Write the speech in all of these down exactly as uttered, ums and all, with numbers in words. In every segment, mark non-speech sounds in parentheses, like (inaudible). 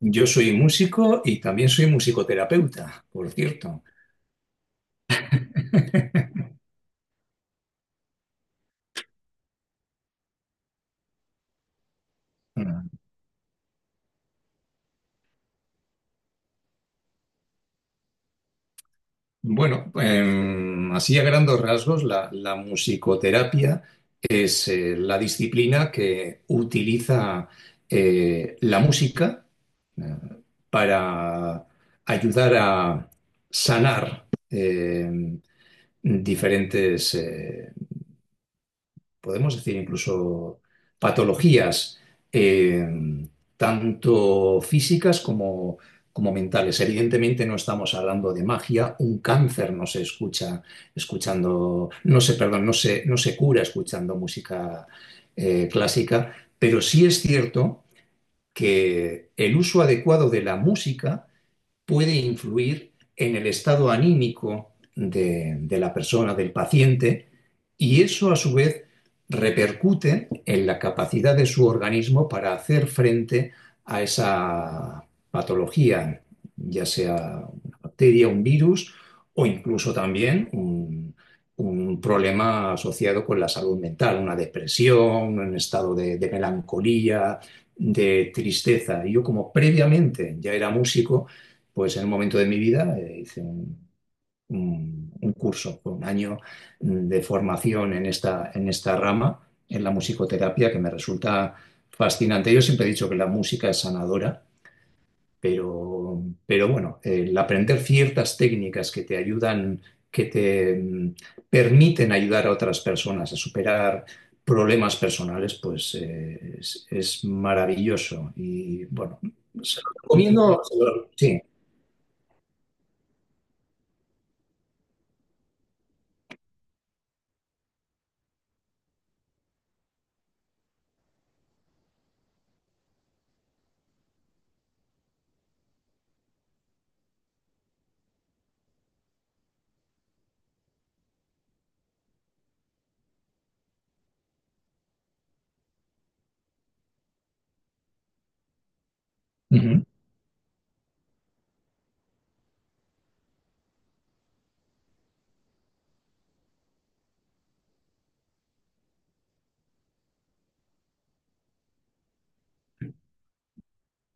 Yo soy músico y también soy musicoterapeuta, por cierto. (laughs) Bueno, em, así a grandes rasgos, la, la musicoterapia es eh, la disciplina que utiliza eh, la música eh, para ayudar a sanar eh, diferentes eh, podemos decir incluso patologías, eh, tanto físicas como, como mentales. Evidentemente no estamos hablando de magia, un cáncer no se escucha escuchando, no se, perdón, no se, no se cura escuchando música eh, clásica, pero sí es cierto que el uso adecuado de la música puede influir en el estado anímico de, de la persona, del paciente, y eso a su vez repercute en la capacidad de su organismo para hacer frente a esa patología, ya sea una bacteria, un virus o incluso también un, un problema asociado con la salud mental, una depresión, un estado de, de melancolía, de tristeza. Yo como previamente ya era músico, pues en un momento de mi vida eh, hice un, un- un curso, un año mm, de formación en esta, en esta rama, en la musicoterapia, que me resulta fascinante. Yo siempre he dicho que la música es sanadora, pero, pero bueno, el aprender ciertas técnicas que te ayudan, que te mm, permiten ayudar a otras personas a superar problemas personales, pues eh, es, es maravilloso. Y bueno, se lo recomiendo. Se lo- sí. Ujú,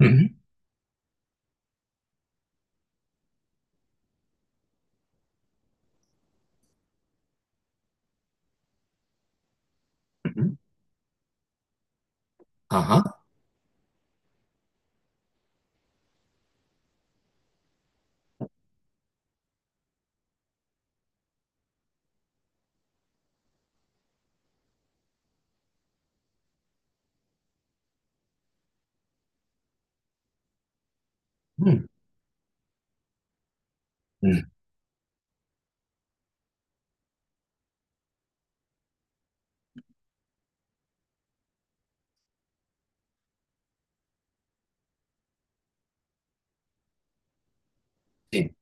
ujú. Ujú. Ajá. Mm, mm, sí.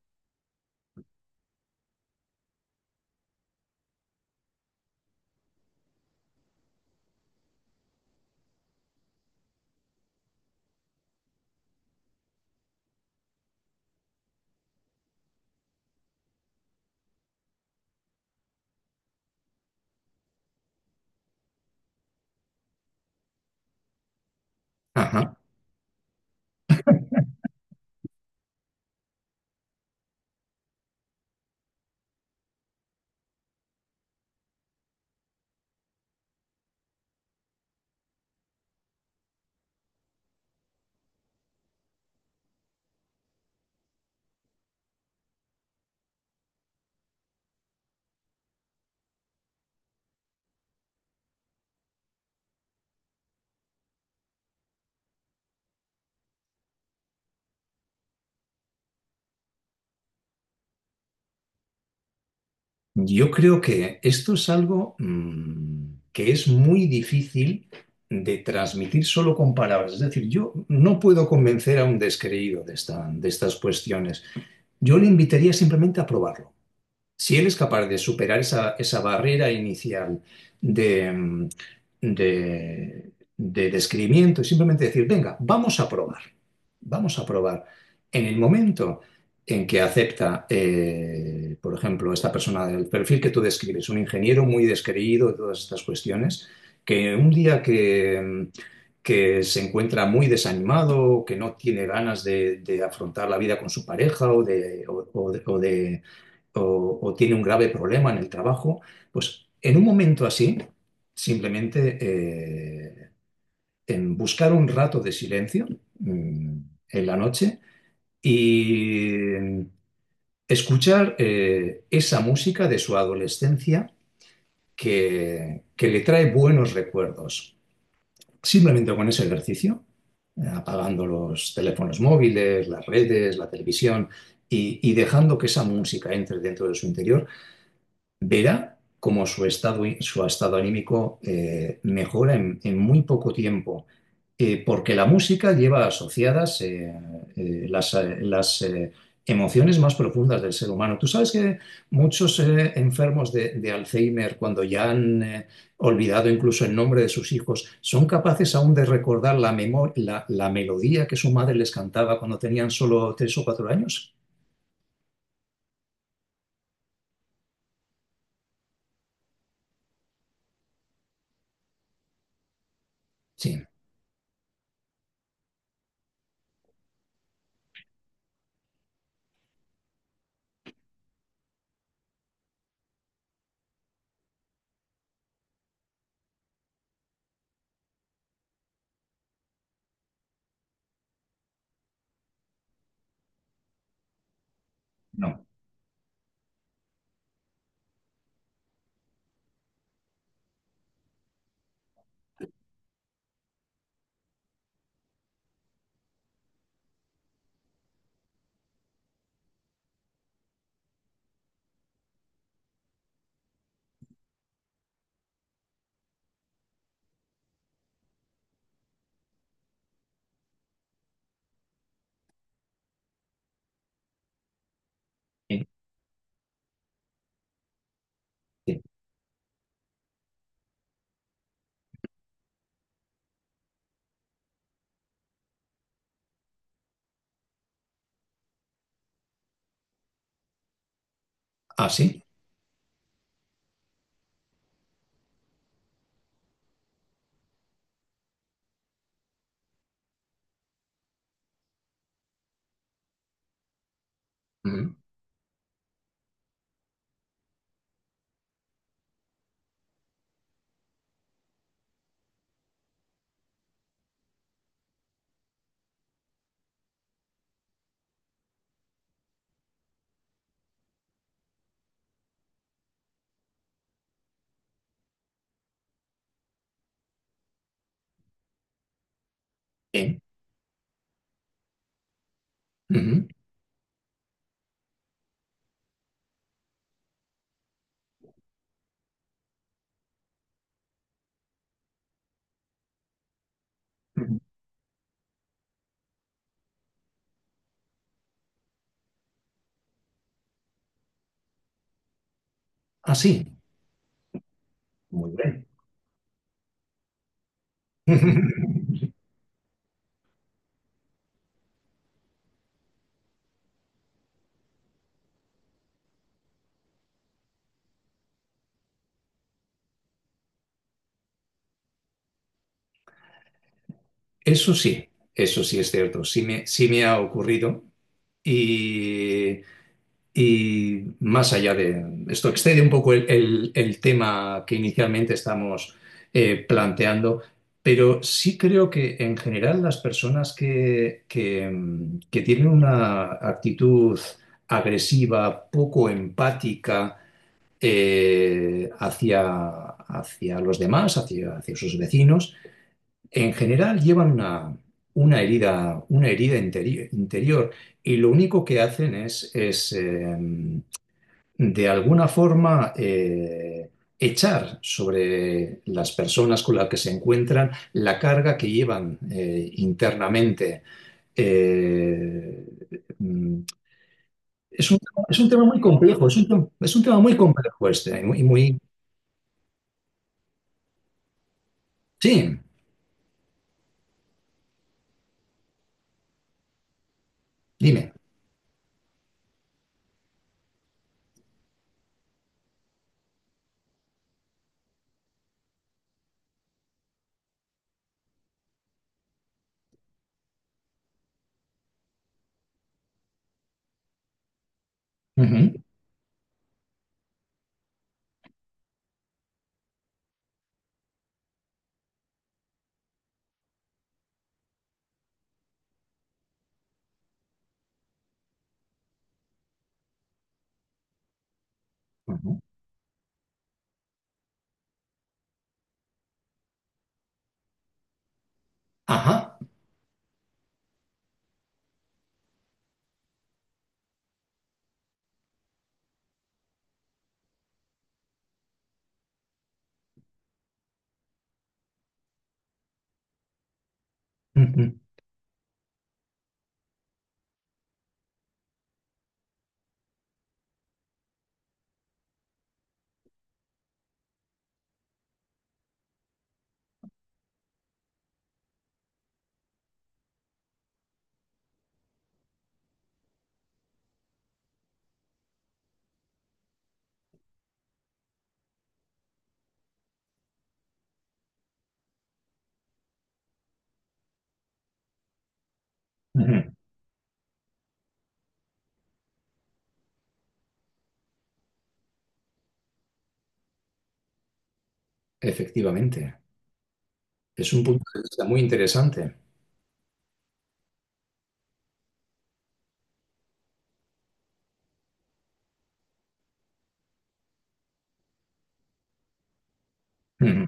Ajá. Yo creo que esto es algo mm, que es muy difícil de transmitir solo con palabras. Es decir, yo no puedo convencer a un descreído de esta- de estas cuestiones. Yo le invitaría simplemente a probarlo. si él es capaz de superar esa, esa barrera inicial de, mm, de, de descrimiento y simplemente decir, venga, vamos a probar, vamos a probar. En el momento en que acepta, eh, por ejemplo, esta persona del perfil que tú describes, un ingeniero muy descreído de todas estas cuestiones, que un día que... mm, que se encuentra muy desanimado, que no tiene ganas de, de afrontar la vida con su pareja o de, o- o de- o de o, o tiene un grave problema en el trabajo, pues en un momento así, simplemente eh, en buscar un rato de silencio mm, en la noche y escuchar eh, esa música de su adolescencia que, que le trae buenos recuerdos. Simplemente con ese ejercicio, eh, apagando los teléfonos móviles, las redes, la televisión y, y dejando que esa música entre dentro de su interior verá cómo su estado, su estado anímico eh, mejora en, en muy poco tiempo. Eh, porque la música lleva asociadas eh, eh, las, eh, las, eh, emociones más profundas del ser humano. Tú sabes que muchos eh, enfermos de, de Alzheimer, cuando ya han eh, olvidado incluso el nombre de sus hijos, son capaces aún de recordar la, memo- la, la melodía que su madre les cantaba cuando tenían solo tres o cuatro años. Sí, no. Sí, sí. Ah, sí. Mm. Sí. Ujú, ujú. Ah, sí, muy bien. (laughs) Eso sí, eso sí es cierto, sí me, sí me ha ocurrido y, y más allá de esto, excede un poco el, el- el tema que inicialmente estamos eh, planteando, pero sí creo que en general las personas que, que, mm, que tienen una actitud agresiva, poco empática, eh, hacia, hacia los demás, hacia, hacia sus vecinos, en general llevan una, una herida, una herida interi- interior y lo único que hacen es, es, eh, de alguna forma, eh, echar sobre las personas con las que se encuentran la carga que llevan eh, internamente. Eh, mm, es un, es un tema muy complejo, es un, tem- es un tema muy complejo este y muy, y muy- Sí. Dime. Ujú, ujú. Ajá. Ujú, ujú. Efectivamente. Es un punto de vista muy interesante. Ujú.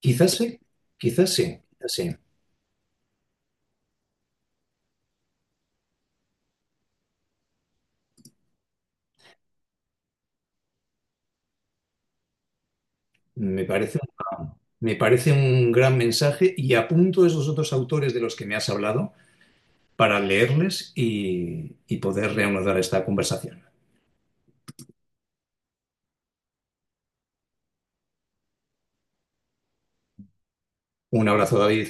Quizás sí, quizás sí, quizás sí. Me parece una- me parece un gran mensaje y apunto esos otros autores de los que me has hablado para leerles y, y poder reanudar esta conversación. Un abrazo, David.